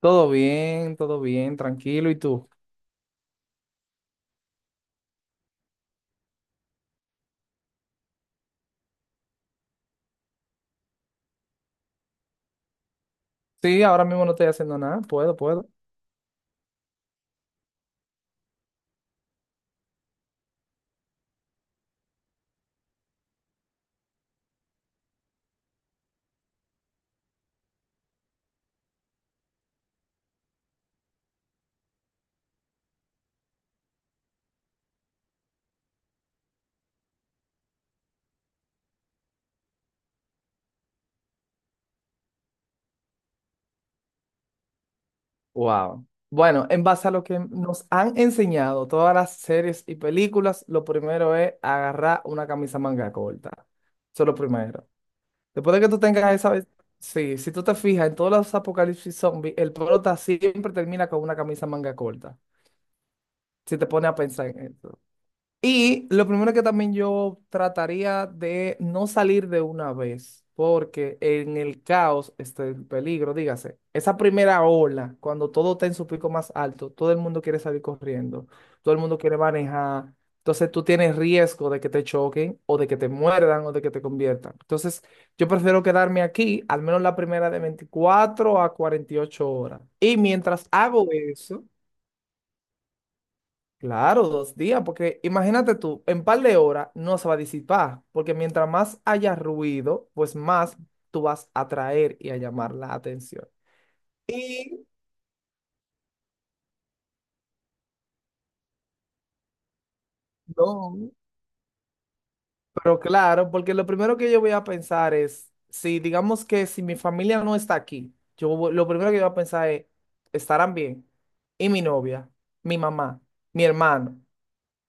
Todo bien, tranquilo. ¿Y tú? Sí, ahora mismo no estoy haciendo nada. Puedo, puedo. Wow. Bueno, en base a lo que nos han enseñado todas las series y películas, lo primero es agarrar una camisa manga corta. Eso es lo primero. Después de que tú tengas Sí, si tú te fijas, en todos los apocalipsis zombies, el prota siempre termina con una camisa manga corta. Si te pones a pensar en eso. Y lo primero que también yo trataría de no salir de una vez, porque en el caos está el peligro, dígase. Esa primera ola, cuando todo está en su pico más alto, todo el mundo quiere salir corriendo, todo el mundo quiere manejar. Entonces tú tienes riesgo de que te choquen o de que te muerdan o de que te conviertan. Entonces yo prefiero quedarme aquí, al menos la primera de 24 a 48 horas. Y mientras hago eso. Claro, 2 días, porque imagínate tú, en par de horas no se va a disipar, porque mientras más haya ruido, pues más tú vas a atraer y a llamar la atención. Y no, pero claro, porque lo primero que yo voy a pensar es, si digamos que si mi familia no está aquí, lo primero que yo voy a pensar es, ¿estarán bien? Y mi novia, mi mamá, mi hermano.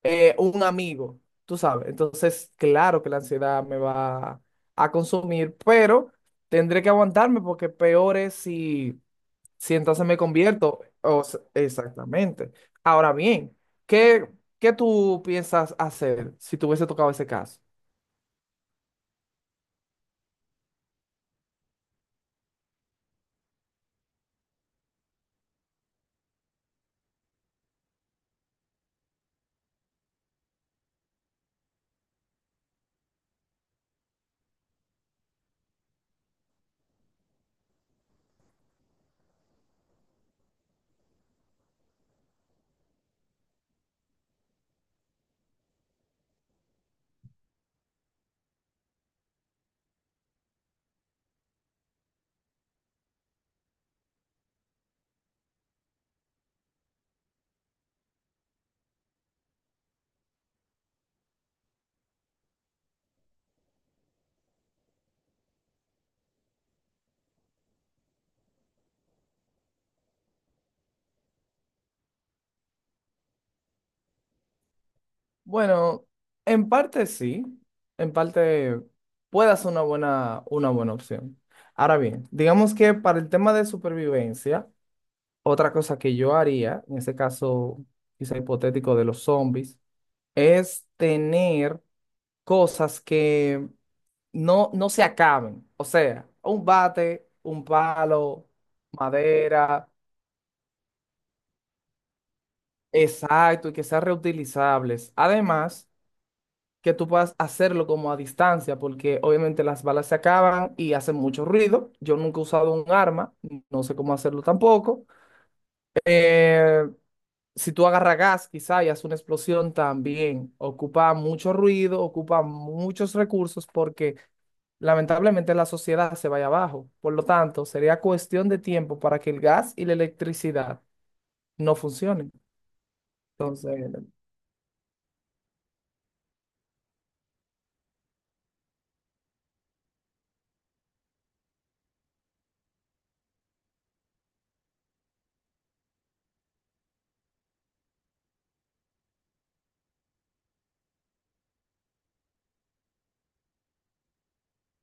Un amigo, tú sabes. Entonces, claro que la ansiedad me va a consumir, pero tendré que aguantarme porque peor es si entonces me convierto. Exactamente. Ahora bien, ¿qué, qué tú piensas hacer si te hubiese tocado ese caso? Bueno, en parte sí, en parte puede ser una buena opción. Ahora bien, digamos que para el tema de supervivencia, otra cosa que yo haría, en este caso quizá hipotético de los zombies, es tener cosas que no se acaben. O sea, un bate, un palo, madera, exacto, y que sean reutilizables. Además, que tú puedas hacerlo como a distancia, porque obviamente las balas se acaban y hacen mucho ruido. Yo nunca he usado un arma, no sé cómo hacerlo tampoco. Eh, si tú agarras gas quizá y haces una explosión también, ocupa mucho ruido, ocupa muchos recursos porque lamentablemente la sociedad se vaya abajo. Por lo tanto, sería cuestión de tiempo para que el gas y la electricidad no funcionen. Entonces,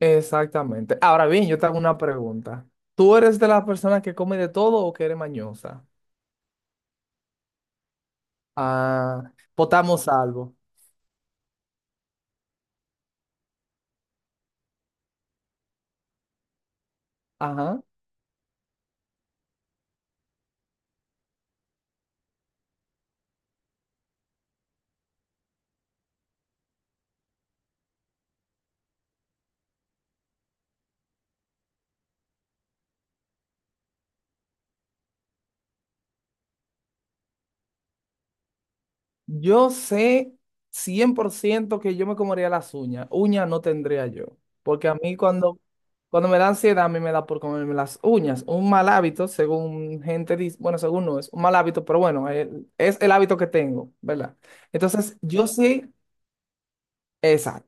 exactamente. Ahora bien, yo te hago una pregunta. ¿Tú eres de las personas que come de todo o que eres mañosa? Ah, potamos algo. Ajá. Yo sé 100% que yo me comería las uñas. Uñas no tendría yo. Porque a mí cuando me da ansiedad, a mí me da por comerme las uñas. Un mal hábito, según gente dice, bueno, según no es un mal hábito, pero bueno, es el hábito que tengo, ¿verdad? Entonces, yo sé, esa.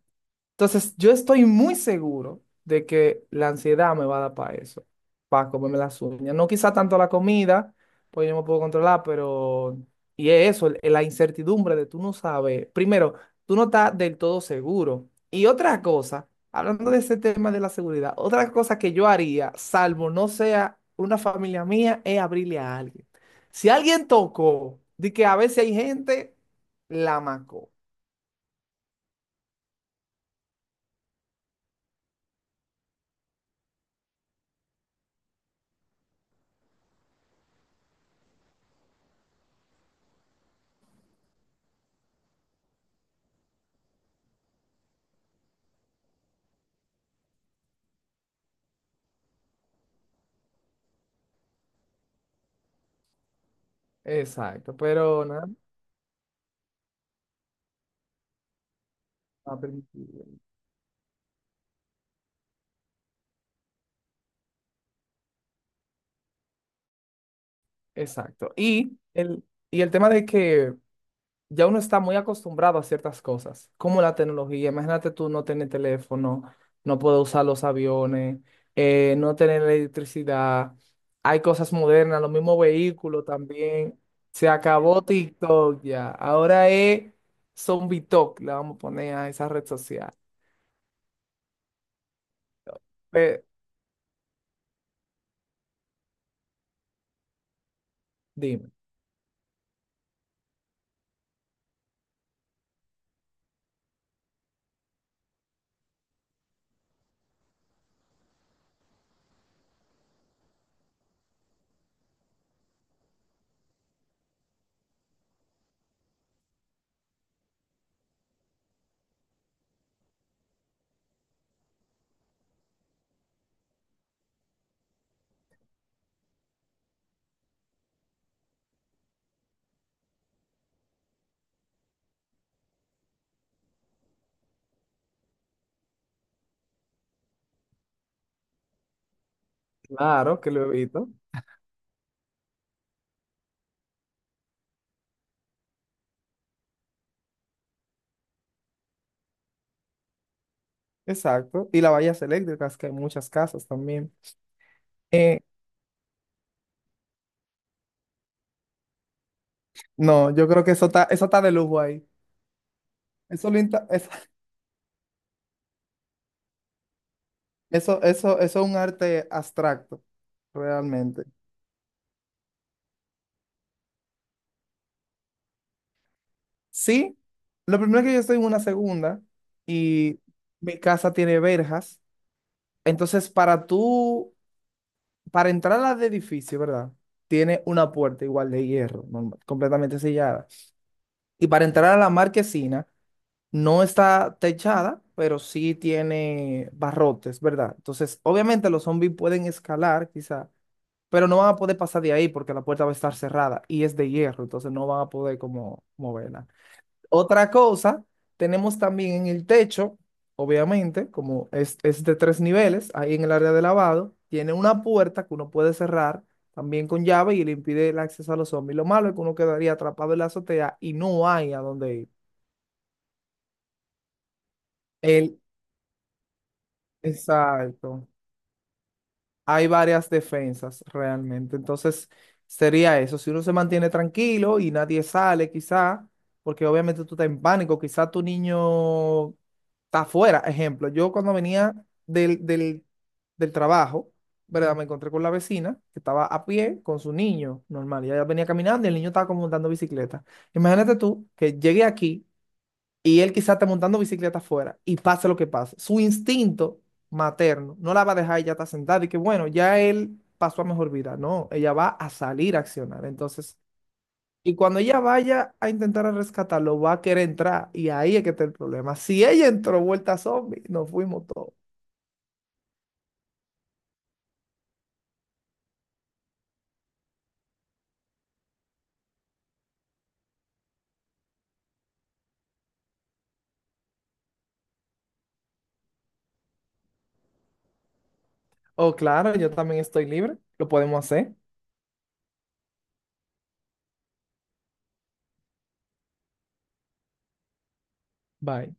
Entonces, yo estoy muy seguro de que la ansiedad me va a dar para eso, para comerme las uñas. No quizá tanto la comida, pues yo me puedo controlar, pero. Y es eso, la incertidumbre de tú no sabes. Primero, tú no estás del todo seguro. Y otra cosa, hablando de ese tema de la seguridad, otra cosa que yo haría, salvo no sea una familia mía, es abrirle a alguien. Si alguien tocó, de que a veces hay gente, la macó. Exacto, pero nada. Más permitido. Exacto. Y el tema de que ya uno está muy acostumbrado a ciertas cosas, como la tecnología. Imagínate tú no tener teléfono, no poder usar los aviones, no tener electricidad. Hay cosas modernas, los mismos vehículos también. Se acabó TikTok ya. Ahora es Zombie Talk, le vamos a poner a esa red social. Pe- dime. Claro que lo evito. Exacto. Y las vallas eléctricas, que hay muchas casas también. Eh, No, yo creo que eso está de lujo ahí. Eso, lo inta- eso es un arte abstracto, realmente. Sí, lo primero es que yo estoy en una segunda y mi casa tiene verjas. Entonces, para tú, para entrar al edificio, ¿verdad? Tiene una puerta igual de hierro, normal, completamente sellada. Y para entrar a la marquesina, no está techada, pero sí tiene barrotes, ¿verdad? Entonces, obviamente los zombies pueden escalar, quizá, pero no van a poder pasar de ahí porque la puerta va a estar cerrada y es de hierro, entonces no van a poder como moverla. Otra cosa, tenemos también en el techo, obviamente, como es de tres niveles, ahí en el área de lavado, tiene una puerta que uno puede cerrar también con llave y le impide el acceso a los zombies. Lo malo es que uno quedaría atrapado en la azotea y no hay a dónde ir. El, Exacto. Hay varias defensas realmente. Entonces, sería eso. Si uno se mantiene tranquilo y nadie sale, quizá, porque obviamente tú estás en pánico, quizá tu niño está afuera. Ejemplo, yo cuando venía del, del, del trabajo, ¿verdad? Me encontré con la vecina que estaba a pie con su niño normal, y ella venía caminando y el niño estaba como montando bicicleta. Imagínate tú que llegué aquí y él quizás está montando bicicleta afuera y pase lo que pase. Su instinto materno no la va a dejar ella está sentada y que bueno, ya él pasó a mejor vida. No, ella va a salir a accionar. Entonces, y cuando ella vaya a intentar a rescatarlo, va a querer entrar y ahí es que está el problema. Si ella entró vuelta zombie, nos fuimos todos. Oh, claro, yo también estoy libre, lo podemos hacer. Bye.